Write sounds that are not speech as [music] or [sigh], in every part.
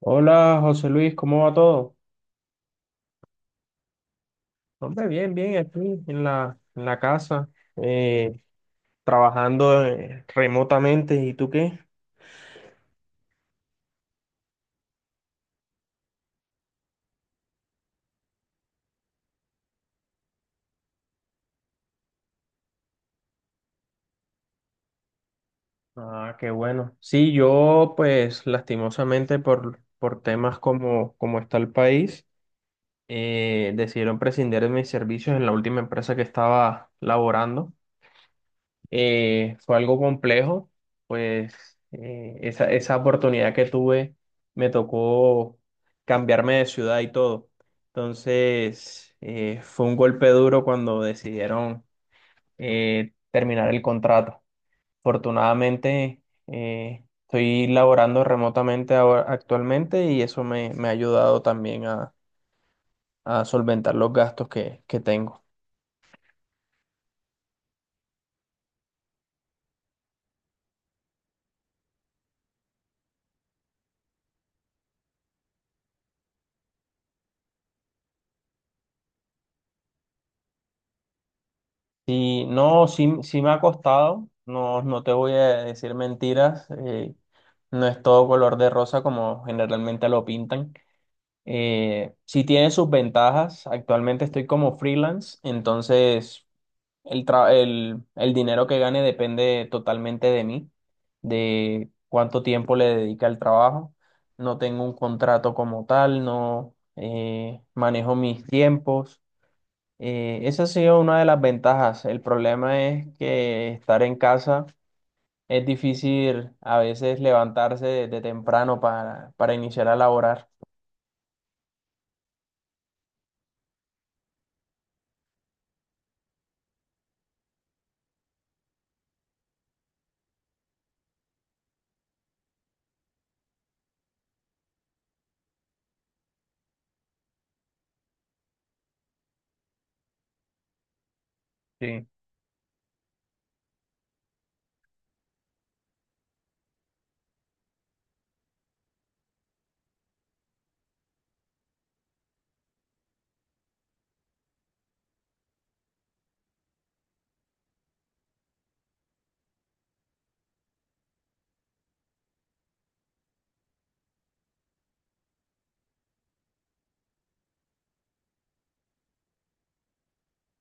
Hola José Luis, ¿cómo va todo? Hombre, bien, bien, aquí en la casa, eh, trabajando remotamente. ¿Y tú qué? Ah, qué bueno. Sí, yo pues lastimosamente por temas como está el país, decidieron prescindir de mis servicios en la última empresa que estaba laborando. Fue algo complejo, pues esa oportunidad que tuve me tocó cambiarme de ciudad y todo. Entonces, fue un golpe duro cuando decidieron terminar el contrato. Afortunadamente, estoy laborando remotamente ahora, actualmente y eso me ha ayudado también a solventar los gastos que tengo. Sí, no, sí, sí me ha costado, no, no te voy a decir mentiras, no es todo color de rosa como generalmente lo pintan. Sí tiene sus ventajas, actualmente estoy como freelance, entonces el dinero que gane depende totalmente de mí, de cuánto tiempo le dedica al trabajo. No tengo un contrato como tal, no manejo mis tiempos. Esa ha sido una de las ventajas. El problema es que estar en casa es difícil a veces levantarse de temprano para iniciar a laborar. Sí,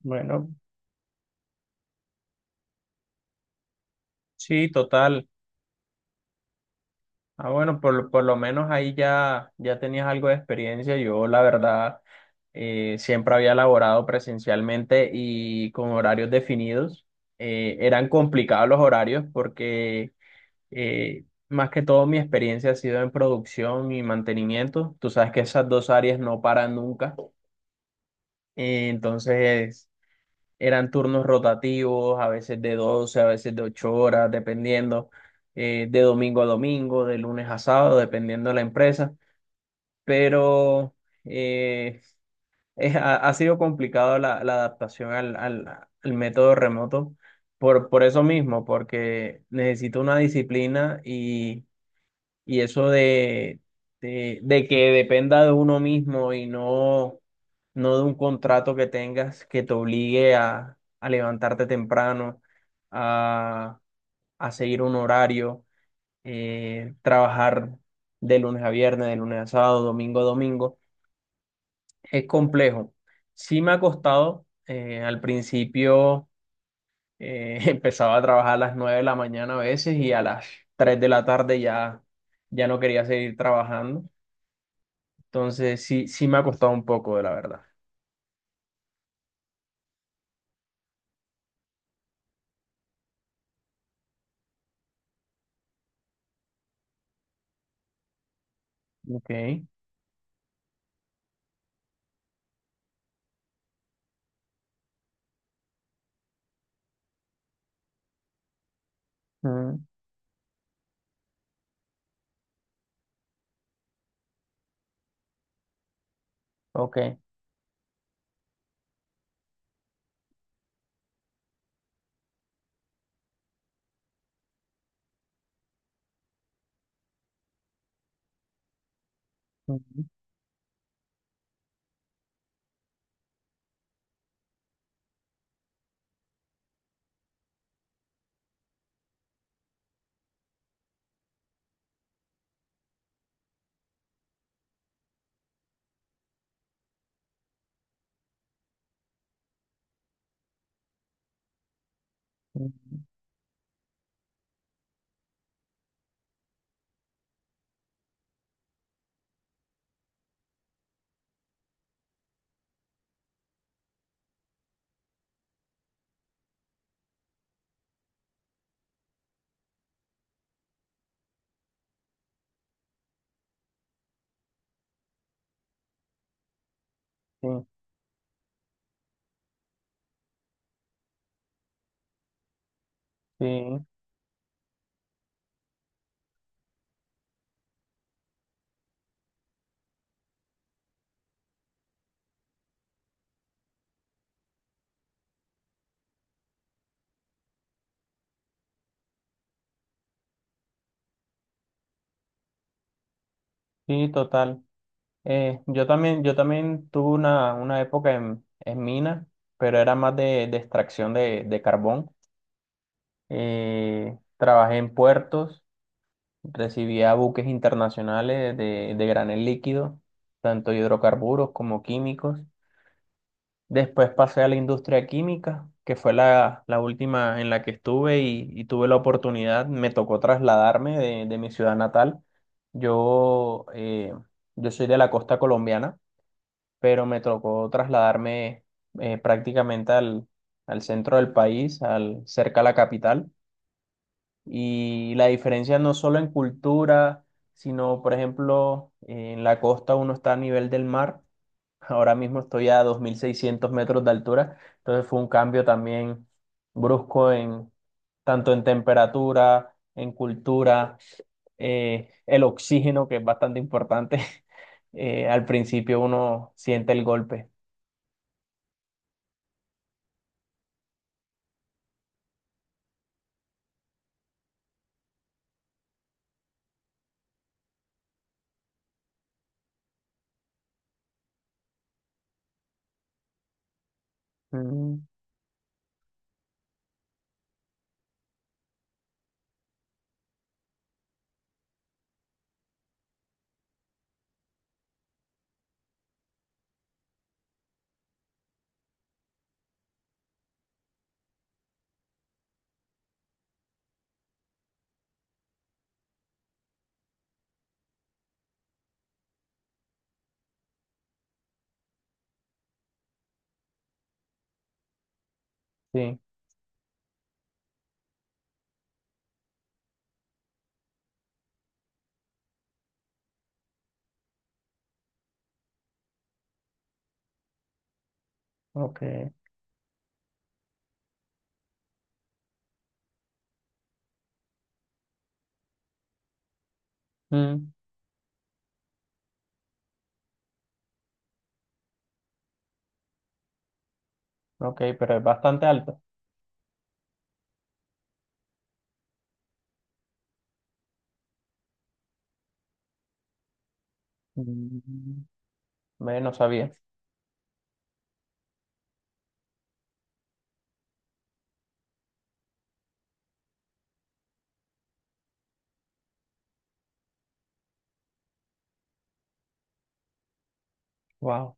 bueno, sí, total. Ah, bueno, por lo menos ahí ya tenías algo de experiencia. Yo, la verdad, siempre había laborado presencialmente y con horarios definidos. Eran complicados los horarios porque más que todo, mi experiencia ha sido en producción y mantenimiento. Tú sabes que esas dos áreas no paran nunca. Entonces, eran turnos rotativos, a veces de 12 a veces de 8 horas, dependiendo, de domingo a domingo, de lunes a sábado, dependiendo de la empresa. Pero eh, [laughs] ha sido complicado la adaptación al método remoto por eso mismo, porque necesito una disciplina y eso de que dependa de uno mismo y no de un contrato que tengas que te obligue a levantarte temprano, a, a seguir un horario, trabajar de lunes a viernes, de lunes a sábado, domingo a domingo, es complejo. Sí me ha costado, al principio [laughs] empezaba a trabajar a las 9 de la mañana a veces y a las 3 de la tarde ya, ya no quería seguir trabajando. Entonces, sí, sí me ha costado un poco, de la verdad. Ok. Mm. Ok. Mm. Mm. Sí, sí, sí, total. Yo también, yo también tuve una época en mina, pero era más de extracción de carbón. Trabajé en puertos, recibía buques internacionales de granel líquido, tanto hidrocarburos como químicos. Después pasé a la industria química, que fue la última en la que estuve y tuve la oportunidad, me tocó trasladarme de mi ciudad natal. Yo, yo soy de la costa colombiana, pero me tocó trasladarme prácticamente al, al centro del país, al, cerca a la capital. Y la diferencia no solo en cultura, sino, por ejemplo, en la costa uno está a nivel del mar. Ahora mismo estoy a 2.600 metros de altura, entonces fue un cambio también brusco en tanto en temperatura, en cultura, el oxígeno, que es bastante importante. [laughs] Al principio uno siente el golpe. Mm, sí, ok. Mm, ok, pero es bastante alto. Mm, ve, no sabía. Wow.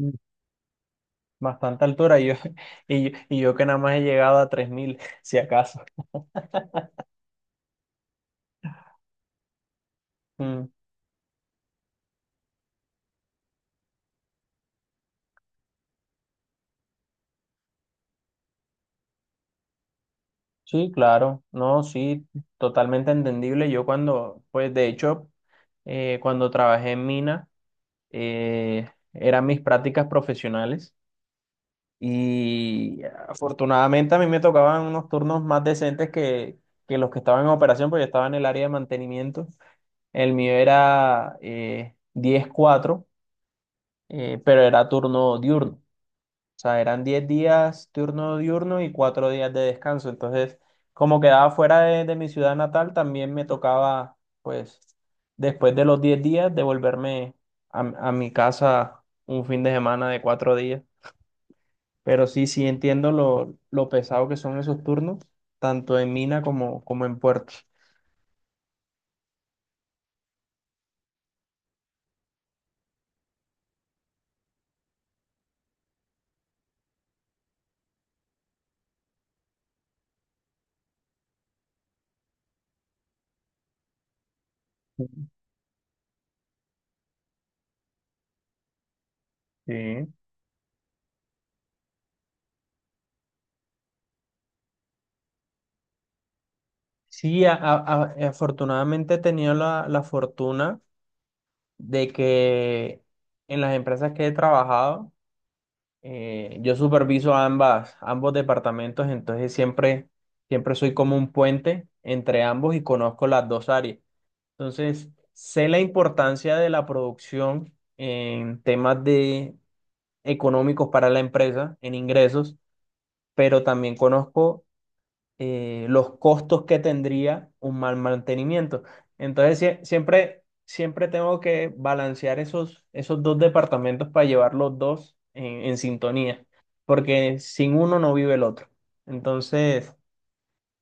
Mm. Bastante altura. Y yo, [laughs] y yo que nada más he llegado a 3.000, si acaso. Sí, claro, no, sí, totalmente entendible. Yo cuando, pues de hecho, cuando trabajé en mina, eran mis prácticas profesionales y afortunadamente a mí me tocaban unos turnos más decentes que los que estaban en operación, porque yo estaba en el área de mantenimiento. El mío era 10-4, pero era turno diurno sea, eran 10 días turno diurno y 4 días de descanso. Entonces, como quedaba fuera de mi ciudad natal, también me tocaba, pues, después de los 10 días, devolverme a mi casa un fin de semana de 4 días. Pero sí, sí entiendo lo pesado que son esos turnos, tanto en mina como, como en puerto. Sí. Sí, afortunadamente he tenido la fortuna de que en las empresas que he trabajado, yo superviso ambos departamentos, entonces siempre, siempre soy como un puente entre ambos y conozco las dos áreas. Entonces, sé la importancia de la producción en temas de económicos para la empresa, en ingresos, pero también conozco los costos que tendría un mal mantenimiento. Entonces, siempre, siempre tengo que balancear esos dos departamentos para llevar los dos en sintonía, porque sin uno no vive el otro. Entonces,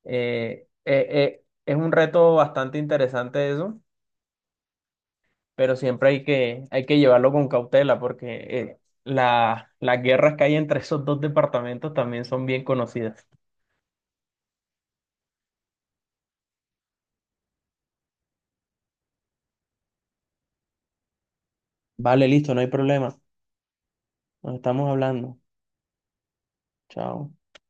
es un reto bastante interesante eso, pero siempre hay hay que llevarlo con cautela, porque las guerras que hay entre esos dos departamentos también son bien conocidas. Vale, listo, no hay problema. Nos estamos hablando. Chao.